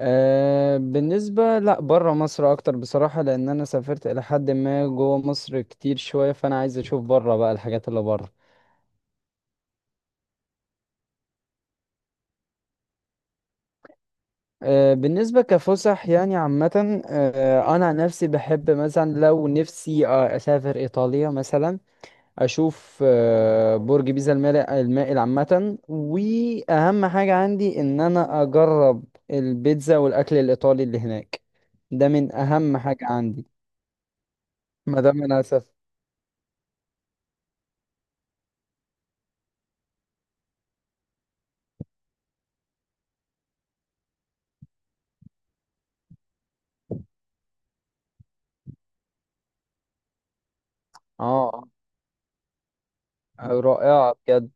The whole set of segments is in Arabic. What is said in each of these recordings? بالنسبة لا برا مصر أكتر بصراحة، لأن أنا سافرت إلى حد ما جوا مصر كتير شوية، فأنا عايز أشوف برا بقى الحاجات اللي برا. بالنسبة كفسح يعني عامة، أنا عن نفسي بحب مثلا، لو نفسي أسافر إيطاليا مثلا. أشوف برج بيزا المائل عامة. وأهم حاجة عندي إن أنا أجرب البيتزا والأكل الإيطالي اللي هناك. ده من أهم حاجة عندي ما دام أنا هسافر. اه، رائعة بجد.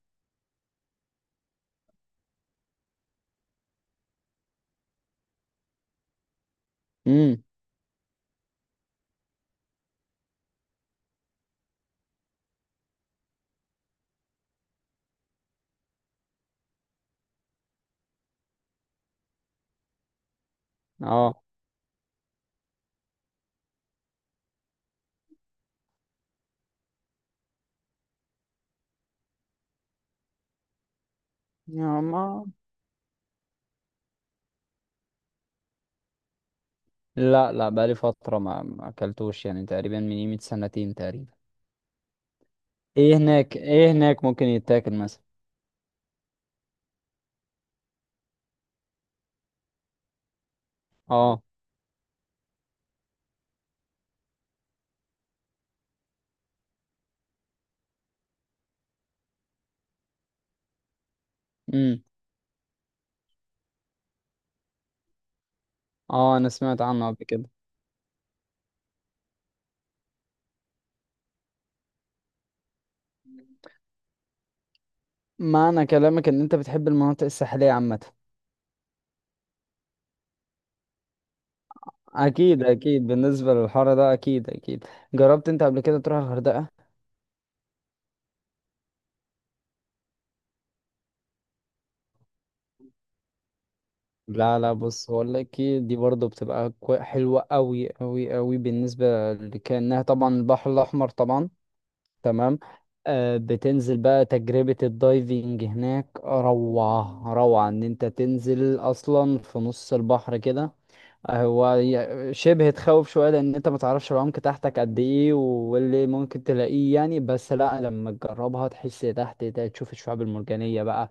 امم، اه، يا ما. لا لا، بقالي فترة ما اكلتوش، يعني تقريبا من قيمة سنتين تقريبا. ايه هناك ممكن يتاكل مثلا؟ اه. امم، اه، انا سمعت عنه قبل كده. معنى كلامك ان انت بتحب المناطق الساحلية عامة؟ اكيد اكيد، بالنسبة للحر ده اكيد اكيد. جربت انت قبل كده تروح الغردقة؟ لا لا، بص هقول لك إيه، دي برضو بتبقى حلوة قوي قوي قوي، بالنسبة لكأنها طبعا البحر الاحمر طبعا. تمام. بتنزل بقى تجربة الدايفنج هناك، روعة روعة ان انت تنزل اصلا في نص البحر كده. هو شبه تخوف شوية، لان انت ما تعرفش العمق تحتك قد ايه واللي ممكن تلاقيه يعني. بس لا، لما تجربها تحس تحت ده، تشوف الشعاب المرجانية بقى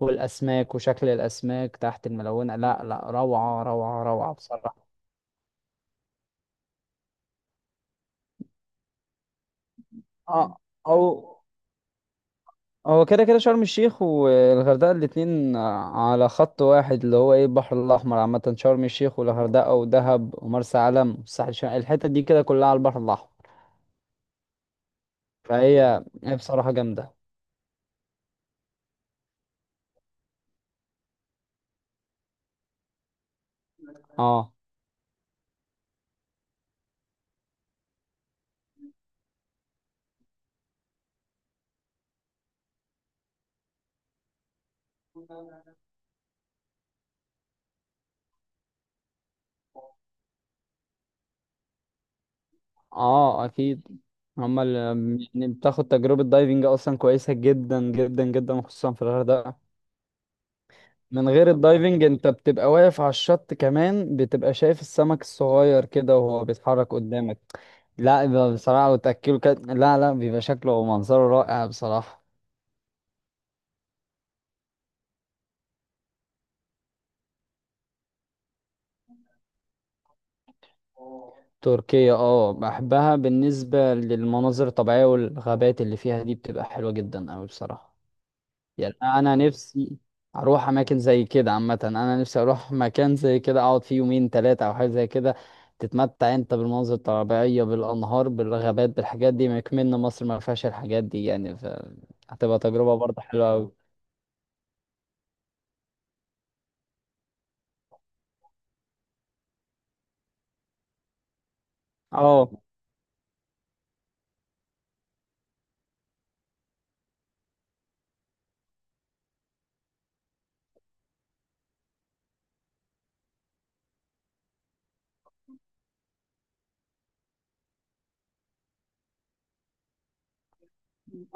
والاسماك وشكل الاسماك تحت الملونة. لا لا، روعة روعة روعة بصراحة. اه. او، هو كده كده شرم الشيخ والغردقة الاتنين على خط واحد، اللي هو ايه، البحر الأحمر عامة. شرم الشيخ والغردقة ودهب ومرسى علم والساحل الشمالي، الحتة دي كده كلها على البحر الأحمر. فهي هي بصراحة جامدة. اه اه، أكيد. هما اللي يعني بتاخد تجربة دايفنج أصلا كويسة جدا جدا جدا، خصوصا في الغردقة. من غير الدايفنج انت بتبقى واقف على الشط، كمان بتبقى شايف السمك الصغير كده وهو بيتحرك قدامك. لا يبقى بصراحة وتأكله كده، لا لا، بيبقى شكله ومنظره رائع بصراحة. تركيا اه، بحبها بالنسبة للمناظر الطبيعية والغابات اللي فيها، دي بتبقى حلوة جدا أوي بصراحة. يعني انا نفسي اروح اماكن زي كده عامه. انا نفسي اروح مكان زي كده، اقعد فيه يومين ثلاثه او حاجه زي كده. تتمتع انت بالمناظر الطبيعيه، بالانهار، بالغابات، بالحاجات دي. ما يكمن مصر ما فيهاش الحاجات دي يعني، ف... هتبقى تجربه برضه حلوه قوي. اه.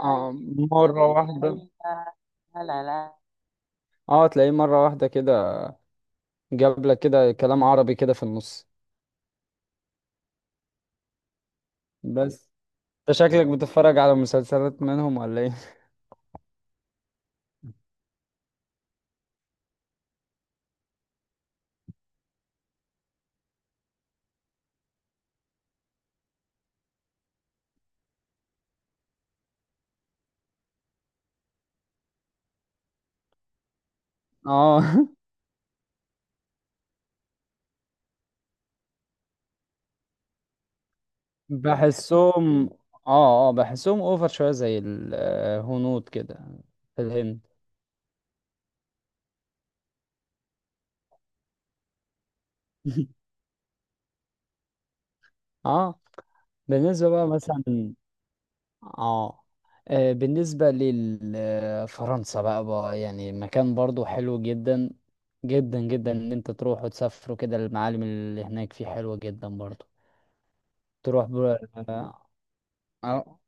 آه، مره واحده. اه، تلاقيه مره واحده كده، جاب لك كده كلام عربي كده في النص. بس انت شكلك بتتفرج على مسلسلات منهم ولا ايه؟ اه بحسهم، اه اه بحسهم اوفر شويه زي الهنود كده، في الهند. اه. بالنسبه بقى مثلا، اه، بالنسبه لفرنسا بقى، يعني مكان برضو حلو جدا جدا جدا، ان انت تروح وتسافر وكده. المعالم اللي هناك فيه حلوه جدا برضو. تروح بقى،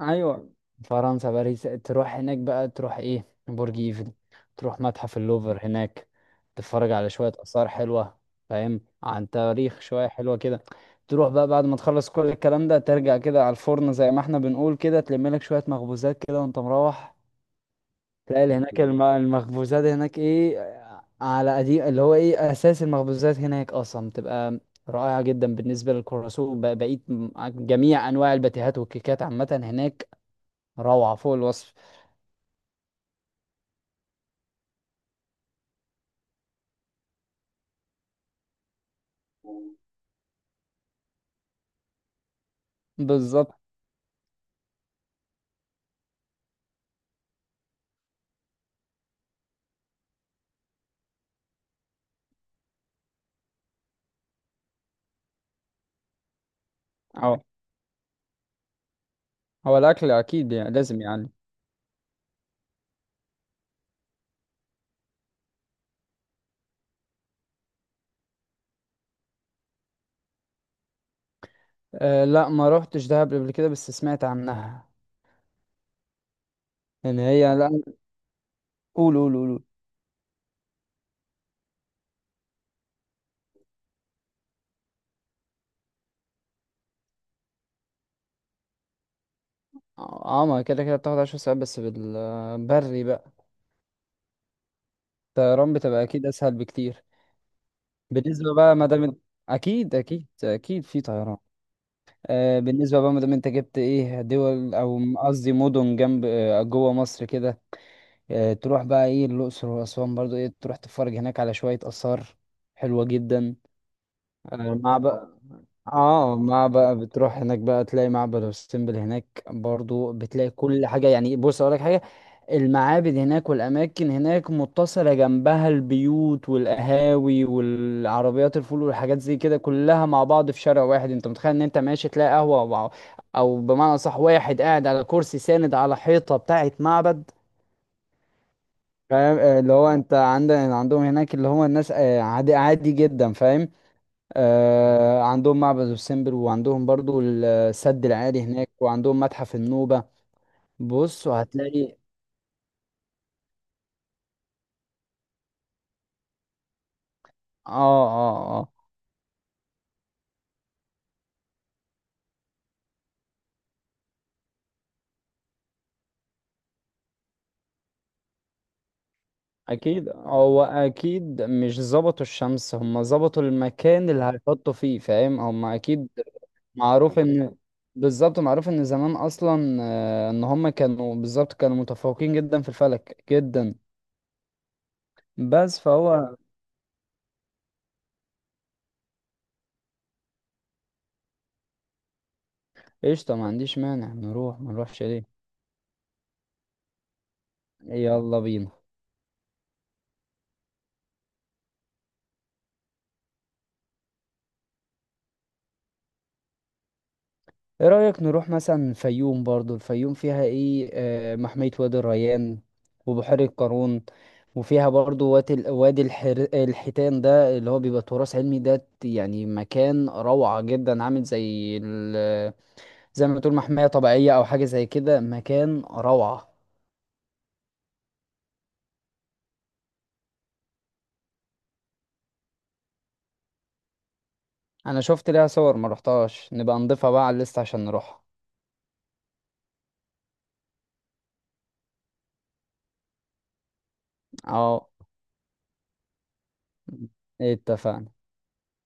ايوه، فرنسا باريس، تروح هناك بقى، تروح ايه برج ايفل، تروح متحف اللوفر هناك، تتفرج على شوية آثار حلوة، فاهم عن تاريخ شوية حلوة كده. تروح بقى بعد ما تخلص كل الكلام ده، ترجع كده على الفرن زي ما احنا بنقول كده، تلم لك شوية مخبوزات كده وانت مروح. تلاقي اللي هناك المخبوزات هناك ايه، على قديم اللي هو ايه، اساس المخبوزات هناك اصلا بتبقى رائعة جدا، بالنسبة للكرواسون بقيت جميع انواع الباتيهات والكيكات عامة هناك، روعة فوق الوصف. بالظبط اه. هو الأكل أكيد يعني، لازم يعني. أه لا، ما روحتش دهب قبل كده، بس سمعت عنها. إن هي لا، قول قول قول قول. اه، ما كده كده بتاخد 10 ساعات بس بالبري بقى. الطيران بتبقى أكيد أسهل بكتير. بالنسبة بقى ما دام إنت- أكيد أكيد أكيد في طيران. بالنسبة بقى ما دام أنت جبت إيه دول، أو قصدي مدن جنب جوه مصر كده. أه تروح بقى إيه، الأقصر وأسوان، برضو إيه، تروح تتفرج هناك على شوية آثار حلوة جدا. آه، معبد. اه، ما بقى بتروح هناك بقى تلاقي معبد السمبل، هناك برضو بتلاقي كل حاجة يعني. بص اقول لك حاجة، المعابد هناك والاماكن هناك متصلة جنبها البيوت والقهاوي والعربيات الفول والحاجات زي كده كلها مع بعض في شارع واحد. انت متخيل ان انت ماشي تلاقي قهوة او، أو بمعنى صح، واحد قاعد على كرسي ساند على حيطة بتاعت معبد، فاهم؟ اللي هو انت عندهم هناك، اللي هو الناس عادي عادي جدا، فاهم؟ عندهم معبد السمبر، وعندهم برضو السد العالي هناك، وعندهم متحف النوبة. بص وهتلاقي، اه اه اه. اكيد هو اكيد مش ظبطوا الشمس، هم ظبطوا المكان اللي هيحطوا فيه، فاهم؟ هم اكيد معروف ان، بالظبط، معروف ان زمان اصلا ان هم كانوا بالظبط كانوا متفوقين جدا في الفلك جدا. بس فهو، قشطة، ما عنديش مانع نروح، ما نروحش ليه؟ يلا بينا. ايه رأيك نروح مثلا الفيوم؟ برضو الفيوم فيها ايه محمية وادي الريان، وبحيرة قارون، وفيها برضو وادي الحيتان. ده اللي هو بيبقى تراث علمي، ده يعني مكان روعة جدا، عامل زي ال... زي ما تقول محمية طبيعية او حاجة زي كده، مكان روعة. انا شفت ليها صور، ما رحتهاش، نبقى نضيفها بقى على الليست عشان نروحها. اه، اتفقنا.